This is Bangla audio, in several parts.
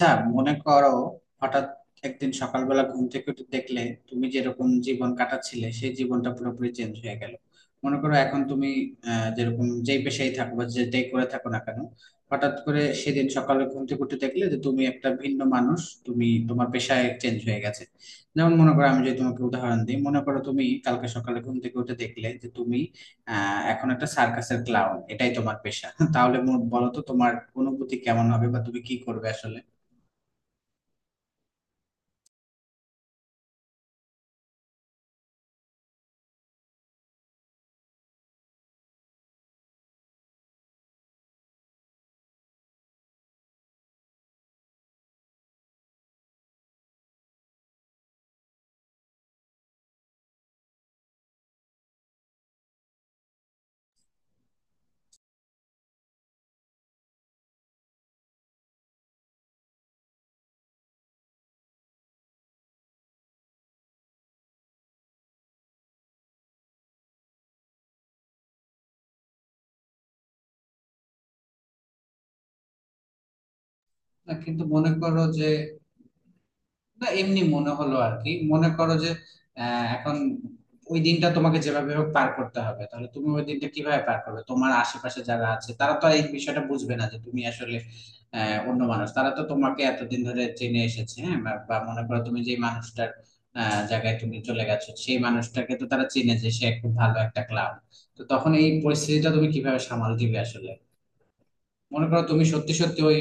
আচ্ছা, মনে করো হঠাৎ একদিন সকালবেলা ঘুম থেকে উঠে দেখলে তুমি যেরকম জীবন কাটাচ্ছিলে সেই জীবনটা পুরোপুরি চেঞ্জ হয়ে গেল। মনে করো এখন তুমি যেরকম যেই পেশায় থাকো বা যেটাই করে থাকো না কেন হঠাৎ করে সেদিন সকালে ঘুম থেকে উঠে দেখলে যে তুমি একটা ভিন্ন মানুষ, তুমি তোমার পেশায় চেঞ্জ হয়ে গেছে। যেমন মনে করো আমি যদি তোমাকে উদাহরণ দিই, মনে করো তুমি কালকে সকালে ঘুম থেকে উঠে দেখলে যে তুমি এখন একটা সার্কাসের ক্লাউন, এটাই তোমার পেশা। তাহলে বলো তো তোমার অনুভূতি কেমন হবে বা তুমি কি করবে আসলে। না কিন্তু মনে করো যে, না এমনি মনে হলো আর কি, মনে করো যে এখন ওই দিনটা তোমাকে যেভাবে হোক পার করতে হবে, তাহলে তুমি ওই দিনটা কিভাবে পার করবে? তোমার আশেপাশে যারা আছে তারা তো আর এই বিষয়টা বুঝবে না যে তুমি আসলে অন্য মানুষ, তারা তো তোমাকে এতদিন ধরে চেনে এসেছে, হ্যাঁ, বা বা মনে করো তুমি যে মানুষটার জায়গায় তুমি চলে গেছো সেই মানুষটাকে তো তারা চেনে যে সে খুব ভালো একটা ক্লাব। তো তখন এই পরিস্থিতিটা তুমি কিভাবে সামাল দিবে আসলে? মনে করো তুমি সত্যি সত্যি ওই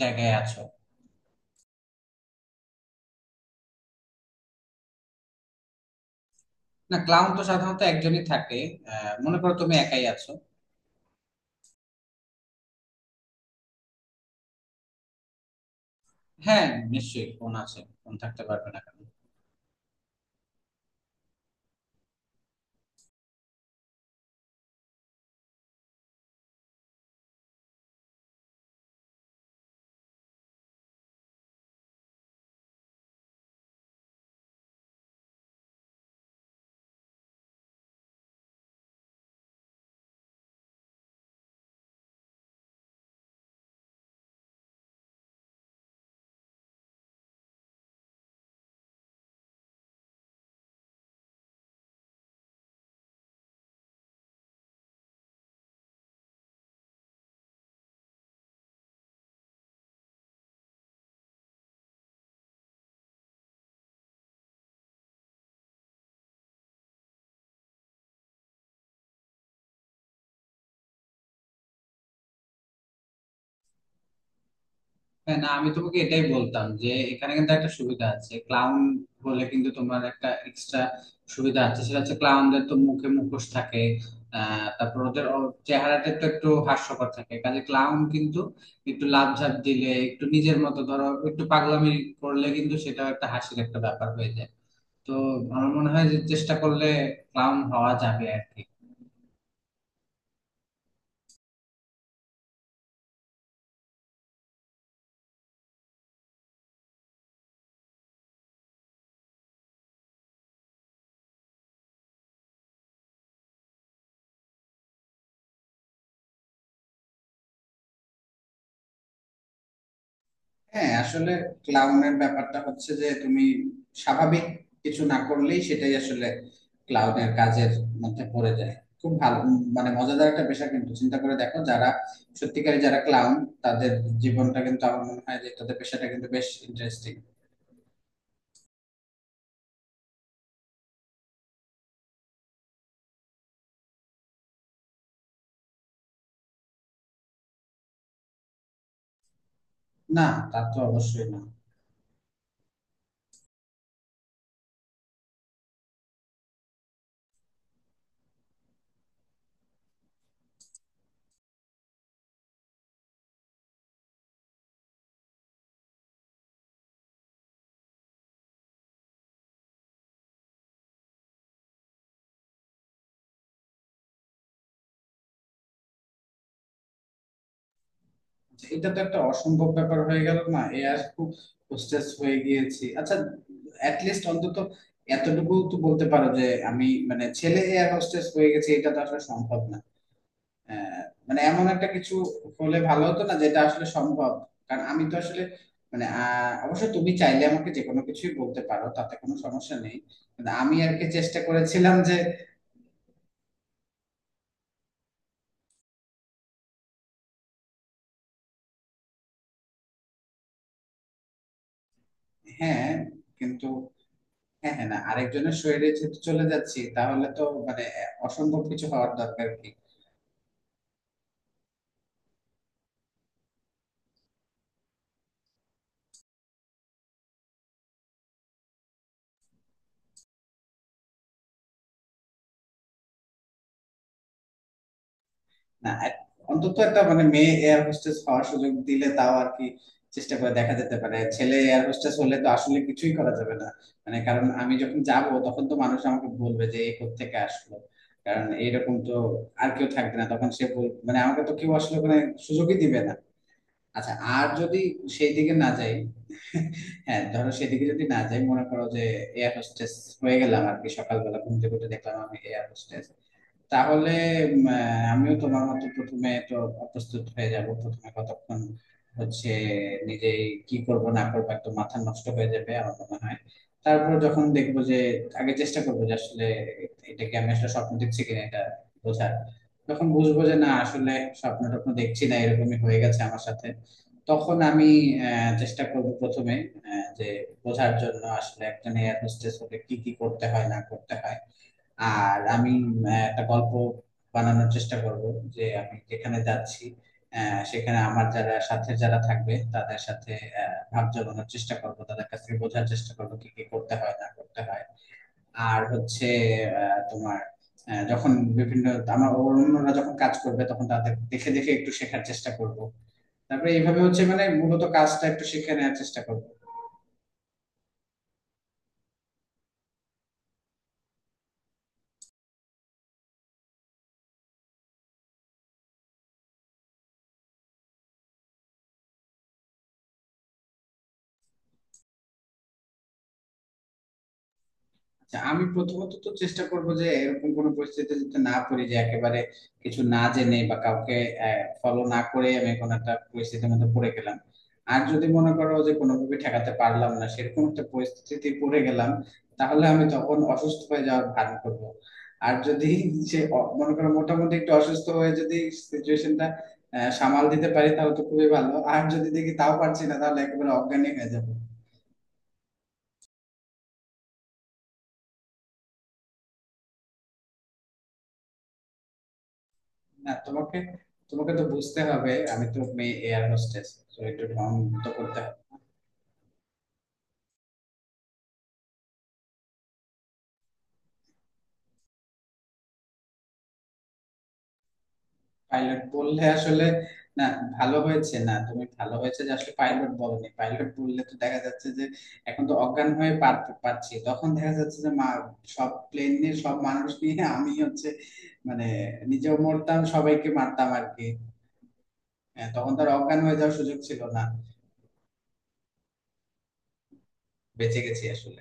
জায়গায় আছো। না, ক্লাউন তো সাধারণত একজনই থাকে। মনে করো তুমি একাই আছো। হ্যাঁ, নিশ্চয়ই ফোন আছে, ফোন থাকতে পারবে না কেন? হ্যাঁ, না আমি তোমাকে এটাই বলতাম যে এখানে কিন্তু একটা সুবিধা আছে, ক্লাউন বলে কিন্তু তোমার একটা এক্সট্রা সুবিধা আছে, সেটা হচ্ছে ক্লাউনদের তো মুখে মুখোশ থাকে। তারপর ওদের চেহারাটা তো একটু হাস্যকর থাকে, কাজে ক্লাউন কিন্তু একটু লাফঝাপ দিলে, একটু নিজের মতো ধরো একটু পাগলামি করলে কিন্তু সেটাও একটা হাসির একটা ব্যাপার হয়ে যায়। তো আমার মনে হয় যে চেষ্টা করলে ক্লাউন হওয়া যাবে আর কি। হ্যাঁ, আসলে ক্লাউনের ব্যাপারটা হচ্ছে যে তুমি স্বাভাবিক কিছু না করলেই সেটাই আসলে ক্লাউনের কাজের মধ্যে পড়ে যায়। খুব ভালো মানে মজাদার একটা পেশা, কিন্তু চিন্তা করে দেখো যারা সত্যিকারী যারা ক্লাউন তাদের জীবনটা কিন্তু, আমার মনে হয় যে তাদের পেশাটা কিন্তু বেশ ইন্টারেস্টিং। না তা তো অবশ্যই না। এটা তো একটা অসম্ভব ব্যাপার হয়ে গেল না, এ আর খুব হোস্টেস হয়ে গিয়েছি আচ্ছা, অ্যাটলিস্ট অন্তত এতটুকু তো বলতে পারো যে আমি মানে ছেলে এয়ার হোস্টেস হয়ে গেছে এটা তো আসলে সম্ভব না। আহ, মানে এমন একটা কিছু হলে ভালো হতো না যেটা আসলে সম্ভব? কারণ আমি তো আসলে মানে অবশ্য তুমি চাইলে আমাকে যে কোনো কিছুই বলতে পারো, তাতে কোনো সমস্যা নেই, কিন্তু আমি আর কি চেষ্টা করেছিলাম যে, হ্যাঁ কিন্তু, হ্যাঁ হ্যাঁ না আরেকজনের শরীরে যেহেতু চলে যাচ্ছি তাহলে তো মানে অসম্ভব কিছু হওয়ার দরকার কি? না অন্তত একটা মানে মেয়ে এয়ার হোস্টেস হওয়ার সুযোগ দিলে তাও আর কি চেষ্টা করে দেখা যেতে পারে, ছেলে এয়ার হোস্টেস হলে তো আসলে কিছুই করা যাবে না। মানে কারণ আমি যখন যাব তখন তো মানুষ আমাকে বলবে যে এই থেকে আসলো, কারণ এইরকম তো আর কেউ থাকবে না, তখন সে মানে আমাকে তো কেউ আসলে ওখানে সুযোগই দিবে না। আচ্ছা আর যদি সেই দিকে না যাই হ্যাঁ ধরো সেদিকে যদি না যাই, মনে করো যে এয়ার হোস্টেস হয়ে গেলাম আর কি, সকালবেলা ঘুম থেকে উঠে দেখলাম আমি এয়ার হোস্টেস। তাহলে আমিও তোমার মতো প্রথমে তো প্রস্তুত হয়ে যাব, প্রথমে কতক্ষণ হচ্ছে নিজে কি করব না করবো একদম মাথা নষ্ট হয়ে যাবে আমার মনে হয়। তারপর যখন দেখবো যে, আগে চেষ্টা করবো যে আসলে এটাকে আমি আসলে স্বপ্ন দেখছি কিনা এটা বোঝার। যখন বুঝবো যে না আসলে স্বপ্ন টপ্ন দেখছি না, এরকমই হয়ে গেছে আমার সাথে, তখন আমি চেষ্টা করব প্রথমে যে বোঝার জন্য আসলে একটা নিয়ে হোস্টেস হলে কি কি করতে হয় না করতে হয়। আর আমি একটা গল্প বানানোর চেষ্টা করব যে আমি যেখানে যাচ্ছি সেখানে আমার যারা সাথে থাকবে তাদের সাথে ভাব জমানোর চেষ্টা করব, তাদের কাছ থেকে বোঝার চেষ্টা করব কি কি করতে হয় না করতে হয়। আর হচ্ছে আহ, তোমার আহ, যখন বিভিন্ন আমার অন্যরা যখন কাজ করবে তখন তাদের দেখে দেখে একটু শেখার চেষ্টা করব। তারপরে এইভাবে হচ্ছে মানে মূলত কাজটা একটু শিখে নেওয়ার চেষ্টা করব। আচ্ছা আমি প্রথমত তো চেষ্টা করব যে এরকম কোনো পরিস্থিতিতে যাতে না পড়ি, যে একেবারে কিছু না জেনে বা কাউকে ফলো না করে আমি কোনো একটা পরিস্থিতির মধ্যে পড়ে গেলাম। আর যদি মনে করো যে কোনোভাবে ঠেকাতে পারলাম না, সেরকম একটা পরিস্থিতিতে পড়ে গেলাম, তাহলে আমি তখন অসুস্থ হয়ে যাওয়ার ভান করব। আর যদি সে মনে করো মোটামুটি একটু অসুস্থ হয়ে যদি সিচুয়েশনটা সামাল দিতে পারি তাহলে তো খুবই ভালো, আর যদি দেখি তাও পারছি না তাহলে একেবারে অজ্ঞানী হয়ে যাবো। না, তোমাকে তোমাকে তো বুঝতে হবে আমি তো মেয়ে এয়ার হোস্টেস, তো একটু ঢং তো করতে হবে। পাইলট বললে আসলে, না ভালো হয়েছে না, তুমি ভালো হয়েছে যে আসলে পাইলট বলনি, পাইলট বললে তো দেখা যাচ্ছে যে এখন তো অজ্ঞান হয়ে পার পাচ্ছি, তখন দেখা যাচ্ছে যে মা সব প্লেন নিয়ে সব মানুষ নিয়ে আমি হচ্ছে মানে নিজেও মরতাম সবাইকে মারতাম আর কি। হ্যাঁ, তখন তো আর অজ্ঞান হয়ে যাওয়ার সুযোগ ছিল না, বেঁচে গেছি আসলে।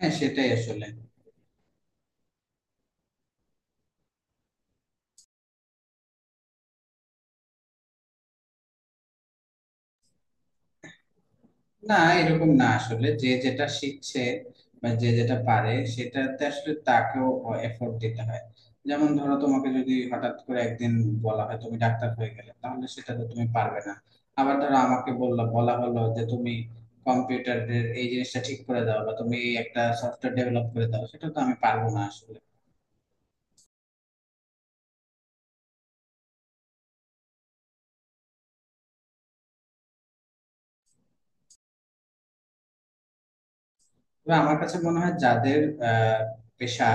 হ্যাঁ সেটাই আসলে, না এরকম না আসলে, যে যেটা শিখছে বা যে যেটা পারে সেটাতে আসলে তাকেও এফোর্ট দিতে হয়। যেমন ধরো তোমাকে যদি হঠাৎ করে একদিন বলা হয় তুমি ডাক্তার হয়ে গেলে, তাহলে সেটা তো তুমি পারবে না। আবার ধরো আমাকে বলা হলো যে তুমি কম্পিউটারের এই জিনিসটা ঠিক করে দাও বা তুমি এই একটা সফটওয়্যার ডেভেলপ করে দাও, সেটা তো আমি পারবো না আসলে। তবে আমার কাছে মনে হয় যাদের আহ, পেশা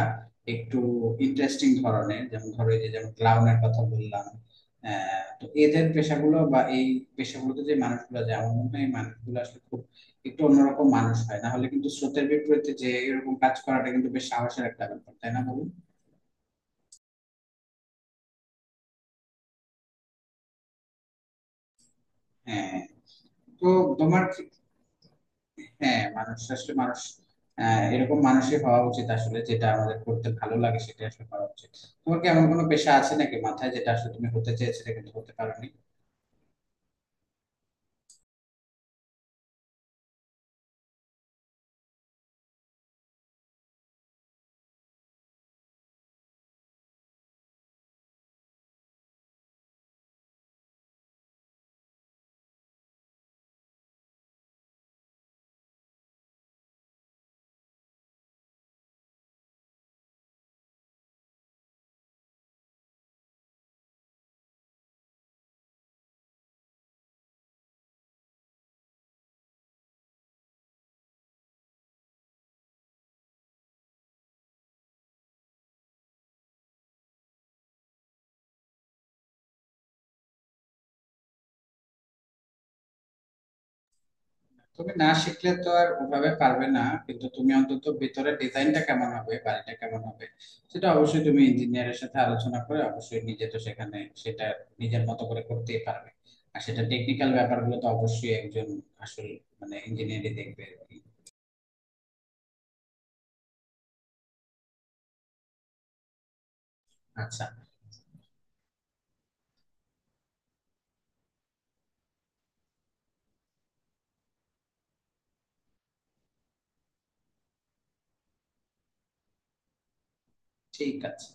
একটু ইন্টারেস্টিং ধরনের, যেমন ধরো এই যে যেমন ক্লাউনের কথা বললাম, তো এদের পেশাগুলো বা এই পেশাগুলোতে যে মানুষগুলো যায় আমার মনে হয় এই মানুষগুলো আসলে খুব একটু অন্যরকম মানুষ হয়, না হলে কিন্তু স্রোতের বিপরীতে যে এরকম কাজ করাটা কিন্তু বেশ সাহসের একটা ব্যাপার, তাই না বলুন? হ্যাঁ তো তোমার কি, হ্যাঁ মানুষ আসলে মানুষ এরকম মানুষই হওয়া উচিত আসলে, যেটা আমাদের করতে ভালো লাগে সেটা আসলে করা উচিত। তোমার কি এমন কোনো পেশা আছে নাকি মাথায় যেটা আসলে তুমি হতে চেয়েছিলে কিন্তু হতে পারোনি? তুমি না শিখলে তো আর ওভাবে পারবে না, কিন্তু তুমি অন্তত ভিতরে ডিজাইনটা কেমন হবে, বাড়িটা কেমন হবে সেটা অবশ্যই তুমি ইঞ্জিনিয়ারের সাথে আলোচনা করে অবশ্যই নিজে তো সেখানে সেটা নিজের মতো করে করতেই পারবে। আর সেটা টেকনিক্যাল ব্যাপারগুলো তো অবশ্যই একজন আসল মানে ইঞ্জিনিয়ারই দেখবে আর কি। আচ্ছা, ঠিক আছে।